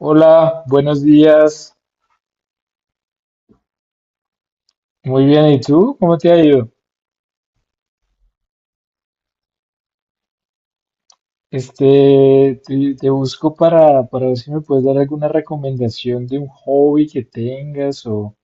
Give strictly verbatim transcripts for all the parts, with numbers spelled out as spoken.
Hola, buenos días. Muy bien, ¿y tú? ¿Cómo te ha ido? Este, te, te busco para, para ver si me puedes dar alguna recomendación de un hobby que tengas o,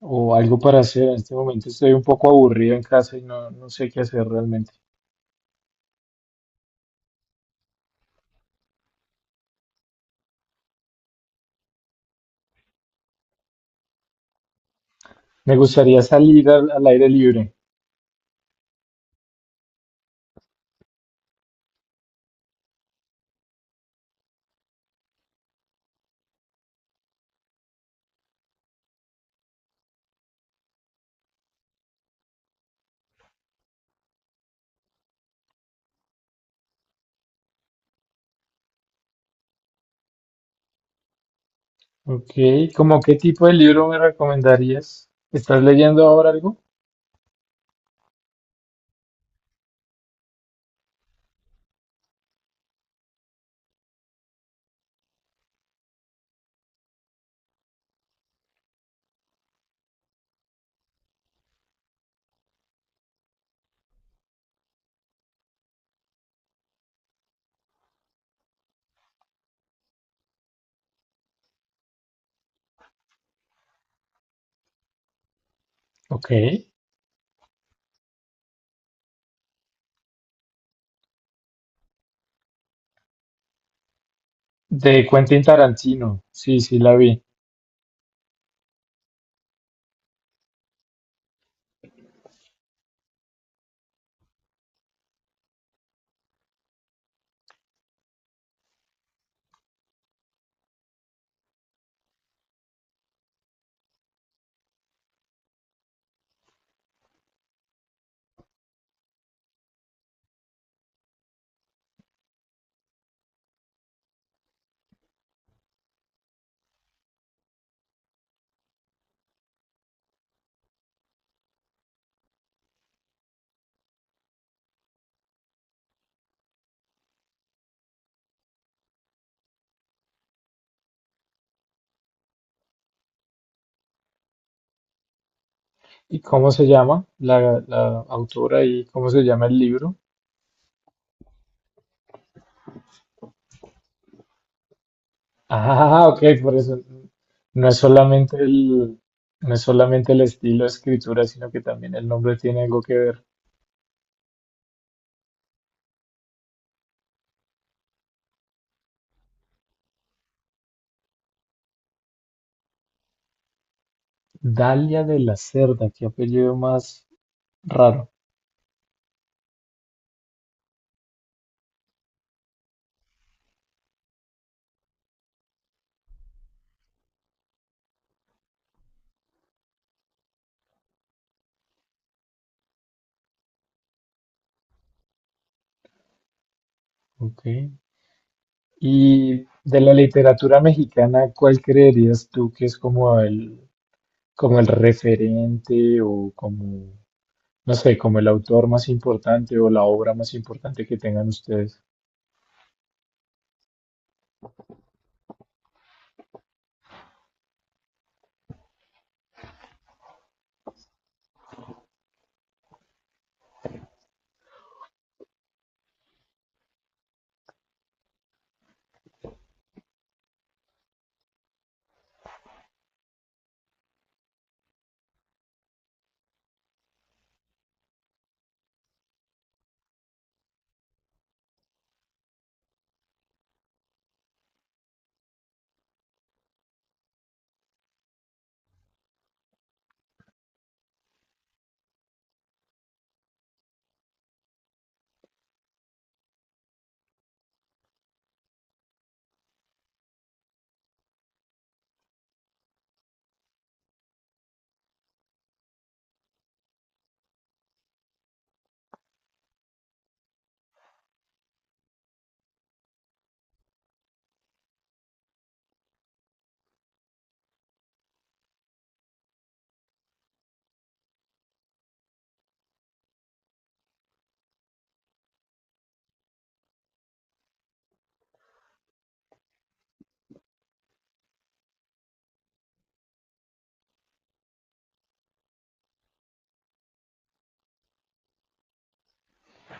o algo para hacer. En este momento estoy un poco aburrido en casa y no, no sé qué hacer realmente. Me gustaría salir al, al aire libre. Ok, ¿cómo qué tipo de libro me recomendarías? ¿Estás leyendo ahora algo? Ok, de Quentin Tarantino. Sí, sí, la vi. ¿Y cómo se llama la, la autora y cómo se llama el libro? Ah, ok, por eso no es solamente el, no es solamente el estilo de escritura, sino que también el nombre tiene algo que ver. Dalia de la Cerda, qué apellido más raro. Ok. Y de la literatura mexicana, ¿cuál creerías tú que es como el, como el referente o como, no sé, como el autor más importante o la obra más importante que tengan ustedes?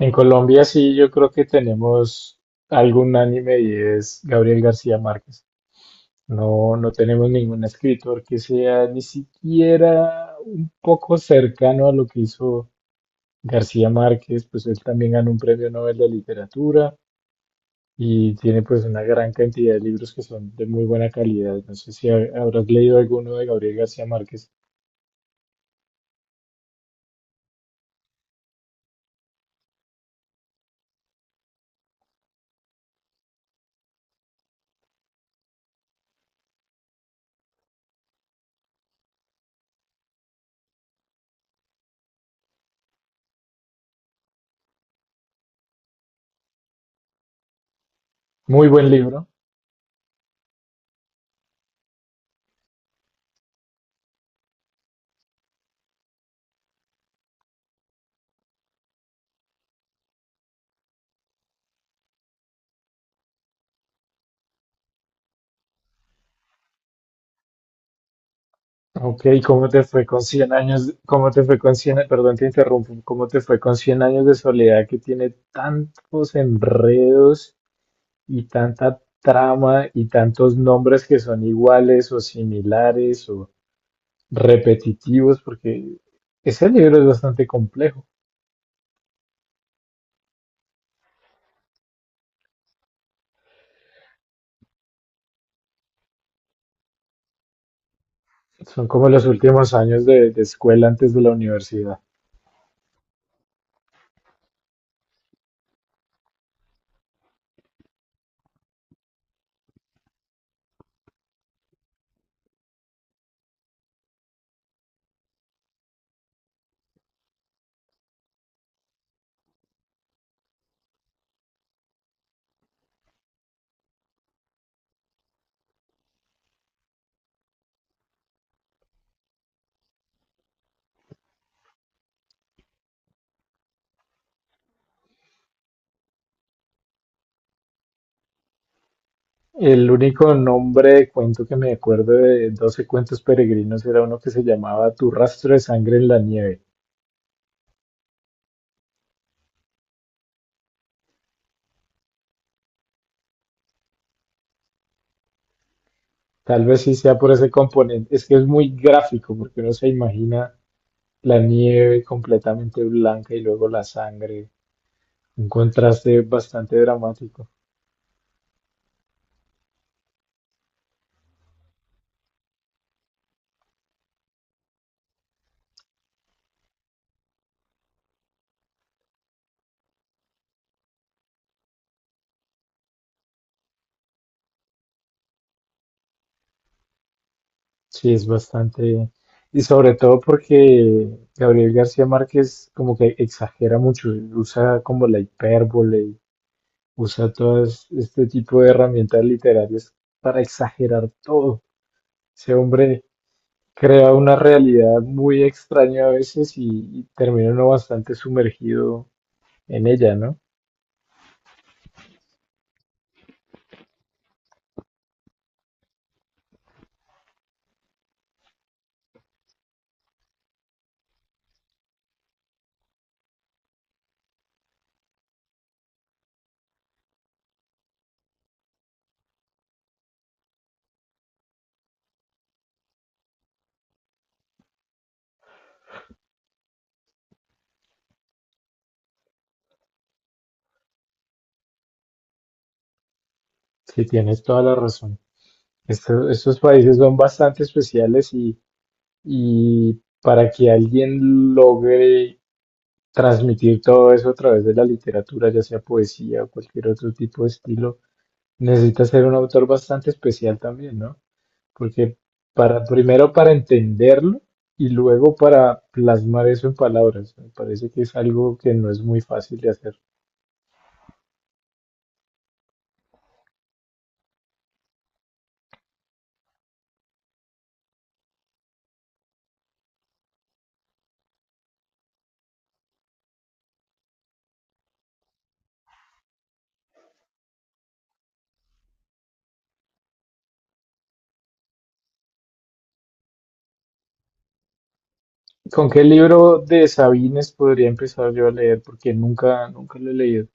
En Colombia sí, yo creo que tenemos algún anime y es Gabriel García Márquez. No, no tenemos ningún escritor que sea ni siquiera un poco cercano a lo que hizo García Márquez, pues él también ganó un premio Nobel de Literatura y tiene pues una gran cantidad de libros que son de muy buena calidad. No sé si ha- habrás leído alguno de Gabriel García Márquez. Muy buen libro. Ok, ¿cómo te fue con cien años? ¿Cómo te fue con cien? Perdón, te interrumpo, ¿cómo te fue con cien años de soledad, que tiene tantos enredos y tanta trama y tantos nombres que son iguales o similares o repetitivos? Porque ese libro es bastante complejo. Son como los últimos años de, de escuela antes de la universidad. El único nombre de cuento que me acuerdo de doce cuentos peregrinos era uno que se llamaba Tu rastro de sangre en la nieve. Tal vez sí sea por ese componente. Es que es muy gráfico porque uno se imagina la nieve completamente blanca y luego la sangre. Un contraste bastante dramático. Sí, es bastante... Y sobre todo porque Gabriel García Márquez como que exagera mucho, usa como la hipérbole, usa todo este tipo de herramientas literarias para exagerar todo. Ese hombre crea una realidad muy extraña a veces y, y termina uno bastante sumergido en ella, ¿no? Sí, tienes toda la razón. Esto- estos países son bastante especiales y, y para que alguien logre transmitir todo eso a través de la literatura, ya sea poesía o cualquier otro tipo de estilo, necesita ser un autor bastante especial también, ¿no? Porque para, primero para entenderlo y luego para plasmar eso en palabras. Me parece que es algo que no es muy fácil de hacer. ¿Con qué libro de Sabines podría empezar yo a leer? Porque nunca, nunca lo he leído.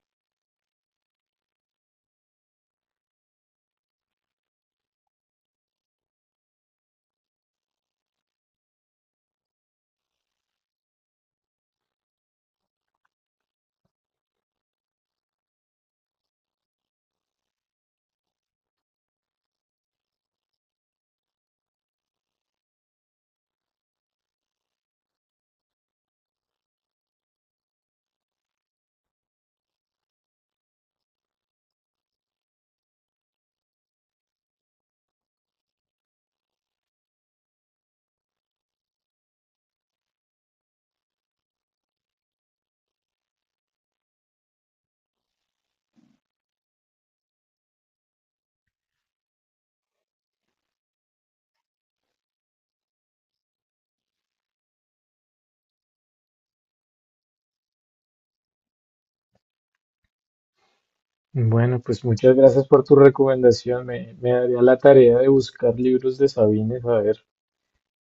Bueno, pues muchas gracias por tu recomendación. Me, me daría la tarea de buscar libros de Sabines, a ver,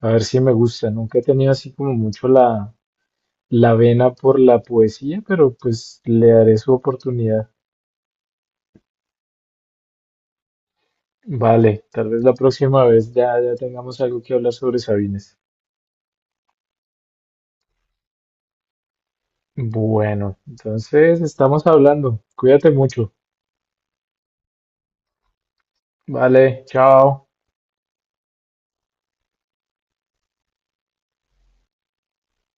a ver si me gusta. Nunca he tenido así como mucho la, la vena por la poesía, pero pues le daré su oportunidad. Vale, tal vez la próxima vez ya, ya tengamos algo que hablar sobre Sabines. Bueno, entonces estamos hablando. Cuídate mucho. Vale, chao.